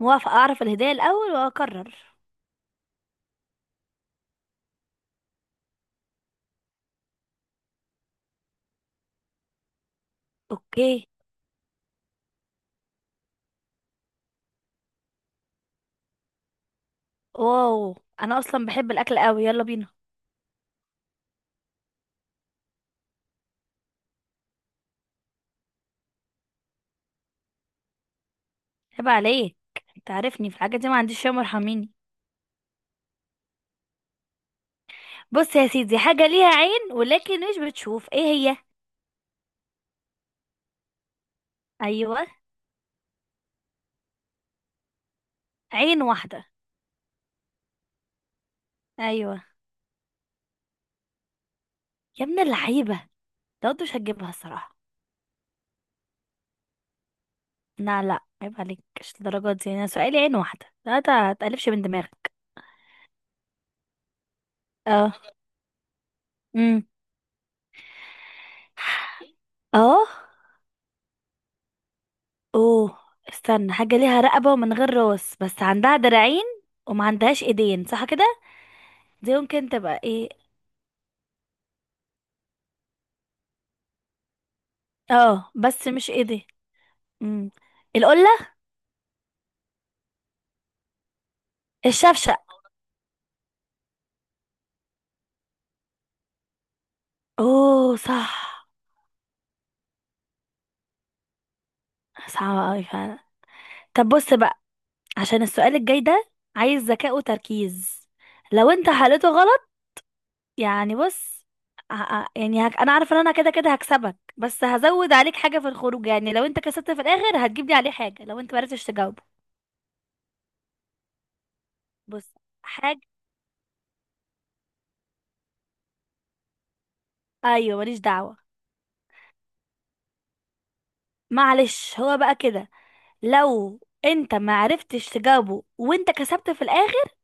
موافقة، اعرف الهدايا الاول واقرر. اوكي. واو. انا اصلا بحب الاكل قوي، يلا بينا. عيب عليك. انت عارفني في الحاجات دي، ما عنديش يوم، ارحميني. بص يا سيدي، حاجة ليها عين ولكن مش بتشوف، ايه هي؟ ايوه. عين واحدة. ايوه. يا ابن اللعيبة! لو انت مش هتجيبها الصراحة. لا لا، عيب عليك، مش الدرجات دي، انا سؤالي عين واحدة، لا. تقلبش من دماغك. اه. امم. اه. اوه. استنى، حاجة ليها رقبة ومن غير راس بس عندها دراعين، وما عندهاش ايدين، صح كده؟ دي ممكن تبقى ايه؟ اه بس مش ايدين. امم. القلة. الشفشق. اوه، صح. صعبة اوي فعلا. طب بص بقى، عشان السؤال الجاي ده عايز ذكاء وتركيز. لو انت حلته غلط، يعني بص، انا عارفه ان انا كده كده هكسبك، بس هزود عليك حاجه في الخروج، يعني لو انت كسبت في الاخر هتجيب لي عليه حاجه لو انت ما عرفتش تجاوبه. بص. ايوه، ماليش دعوه. معلش، هو بقى كده، لو انت ما عرفتش تجاوبه وانت كسبت في الاخر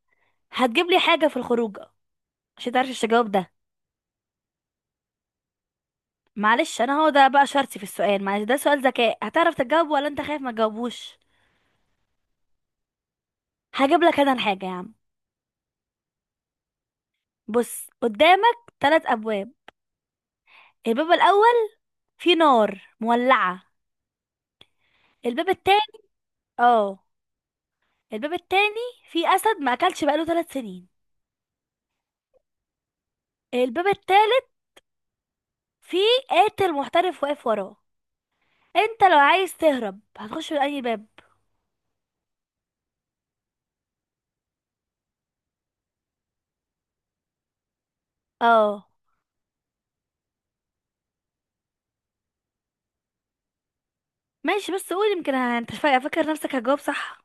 هتجيب لي حاجه في الخروج، عشان تعرفش تجاوب ده. معلش، انا هو ده بقى شرطي في السؤال، معلش ده سؤال ذكاء، هتعرف تجاوبه ولا انت خايف ما تجاوبوش؟ هجيب لك انا الحاجه يا عم. بص، قدامك 3 ابواب. الباب الاول فيه نار مولعه. الباب التاني. اه. الباب التاني فيه اسد ما اكلش بقاله 3 سنين. الباب التالت فيه قاتل محترف واقف وراه. انت لو عايز تهرب هتخش من اي باب؟ اه ماشي، بس قول، يمكن انت فاكر نفسك هتجاوب صح؟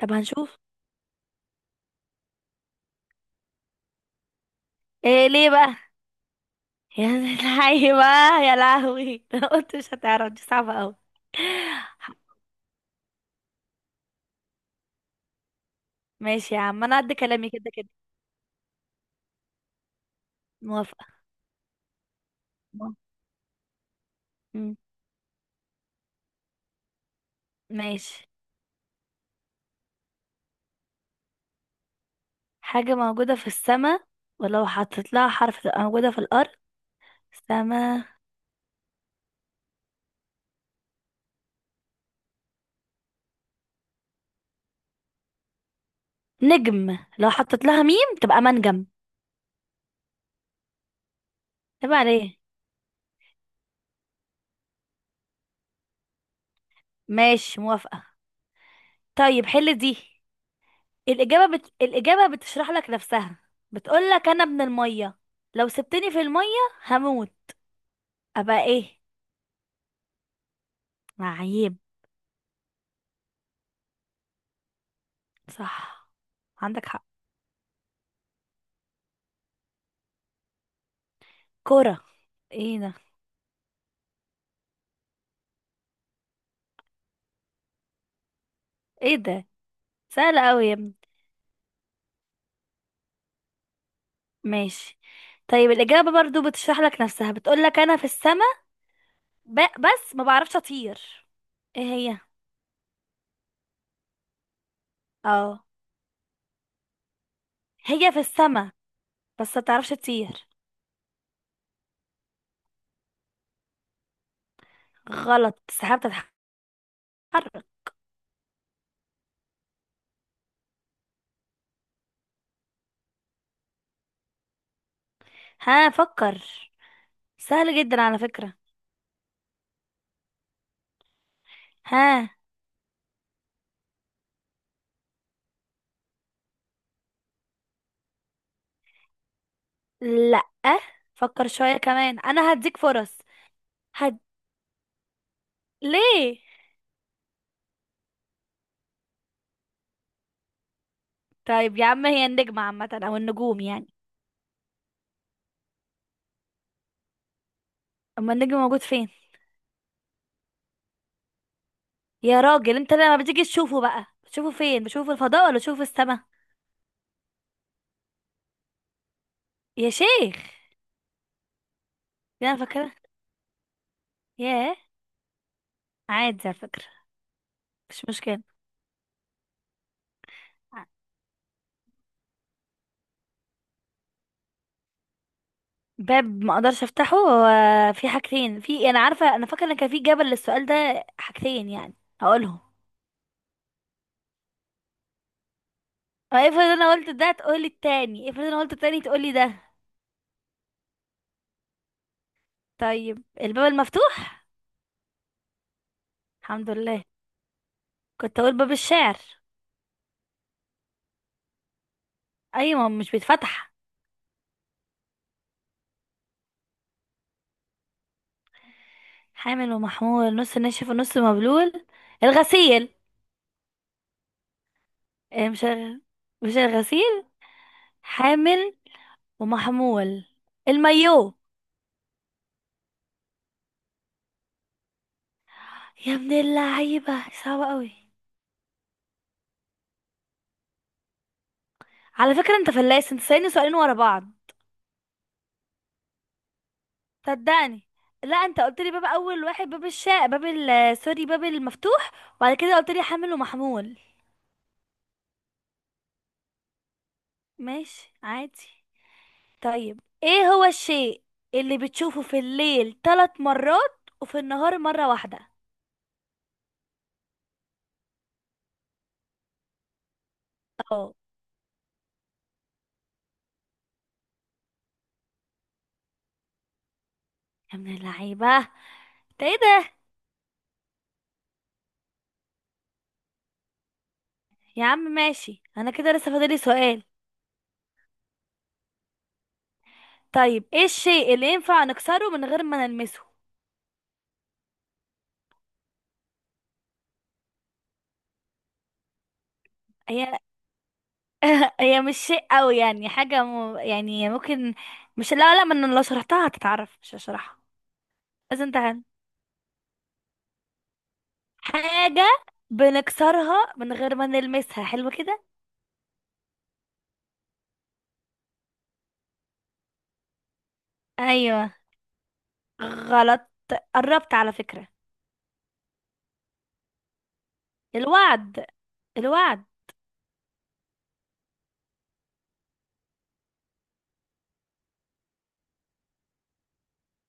طب هنشوف. ايه ليه بقى؟ يا لهوي بقى يا لهوي، انا قلت مش هتعرف، دي صعبة قوي. ماشي يا عم، انا قد كلامي كده كده. موافقة. مو- مم. ماشي، حاجة موجودة في السماء ولو حطيت لها حرف تبقى موجودة في الأرض. سما. نجم، لو حطيت لها ميم تبقى منجم. تبقى عليه. ماشي، موافقة. طيب، حل دي. الإجابة بتشرح لك نفسها، بتقول لك أنا ابن المية، لو سبتني في المية هموت، أبقى إيه؟ معيب. صح، عندك حق. كرة. إيه ده! إيه ده، سهل أوي يا ابني! ماشي. طيب، الإجابة برضو بتشرح لك نفسها، بتقول لك أنا في السما بس ما بعرفش أطير، إيه هي؟ اه. هي في السما بس ما بتعرفش تطير. غلط، السحاب بتتحرك. ها، فكر. سهل جدا على فكرة. ها. لأ، فكر شوية كمان، أنا هديك فرص. هد... ليه؟ طيب يا عم، هي النجمة عامة أو النجوم يعني؟ أما النجم موجود فين؟ يا راجل، أنت لما بتيجي تشوفه بقى بتشوفه فين؟ بتشوفه في الفضاء ولا بتشوفه في السما؟ يا شيخ! دي أنا فاكرة. ياه. عادي على فكرة. مش مشكلة. باب ما اقدرش افتحه، هو في حاجتين، انا عارفه، انا فاكره ان كان في جبل للسؤال ده حاجتين يعني، هقولهم. اه، افرض انا قلت ده تقولي التاني، افرض انا قلت التاني تقولي ده. طيب، الباب المفتوح. الحمد لله، كنت اقول باب الشعر. ايوه، مش بيتفتح. حامل ومحمول، نص ناشف ونص مبلول. الغسيل. إيه مش الغسيل. حامل ومحمول، المايو. يا ابن اللعيبه، صعبه قوي. على فكره انت فلاس، انت سألني سؤالين ورا بعض. صدقني، لا انت قلت لي باب اول واحد، باب الشاء، باب ال، سوري، باب المفتوح، وبعد كده قلت لي حامل ومحمول. ماشي عادي. طيب، ايه هو الشيء اللي بتشوفه في الليل 3 مرات وفي النهار مرة واحدة؟ اه. يا ابن اللعيبة! ده ايه ده؟ يا عم ماشي، انا كده لسه فاضلي سؤال. طيب، ايه الشيء اللي ينفع نكسره من غير ما نلمسه؟ هي، هي مش شيء قوي، يعني حاجة يعني ممكن. مش، لا لا، ما انا لو شرحتها هتتعرف، مش هشرحها. لازم تعلم. حاجة بنكسرها من غير ما نلمسها، حلو كده. ايوه. غلط، قربت على فكرة. الوعد. الوعد.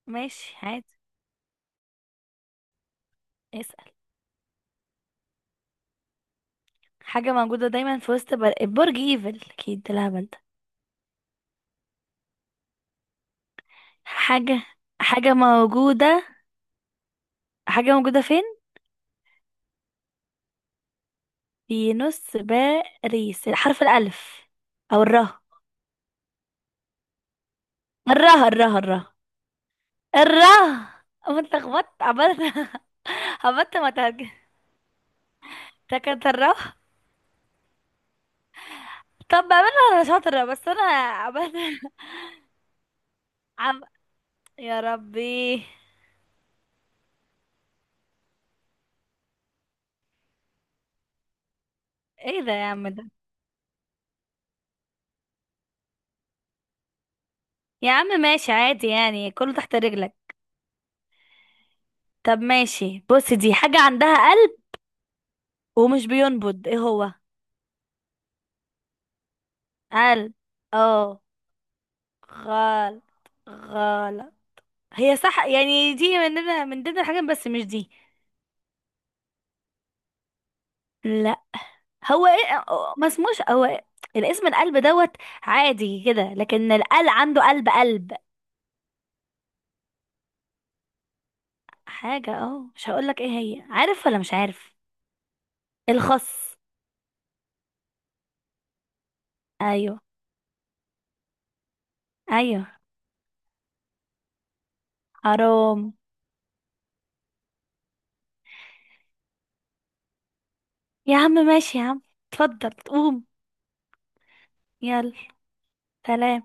ماشي عادي. اسأل. حاجة موجودة دايما في وسط برج ايفل اكيد، ده الهبل ده. حاجة، حاجة موجودة، حاجة موجودة فين؟ في نص باريس، حرف الألف، أو الره. الره، الره. الره، الره. أما أنت خبطت، عبلت! عبلت، ما تهج. ده كانت الره. طب بعملها أنا شاطرة، بس أنا عبلت. عم... يا ربي. ايه ده يا عم ده؟ يا عم ماشي عادي، يعني كله تحت رجلك. طب ماشي، بص، دي حاجة عندها قلب ومش بينبض، ايه هو؟ قلب. اه. غلط. غلط. هي صح يعني، دي مننا من ضمن الحاجات، بس مش دي. لا. هو ايه؟ ما اسموش هو إيه؟ الاسم القلب دوت. عادي كده، لكن القلب عنده قلب قلب. حاجة، اه، مش هقولك ايه هي، عارف ولا مش عارف؟ الخص. ايوه. ايوه. حرام! يا عم ماشي يا عم. اتفضل، قوم. يلا. سلام.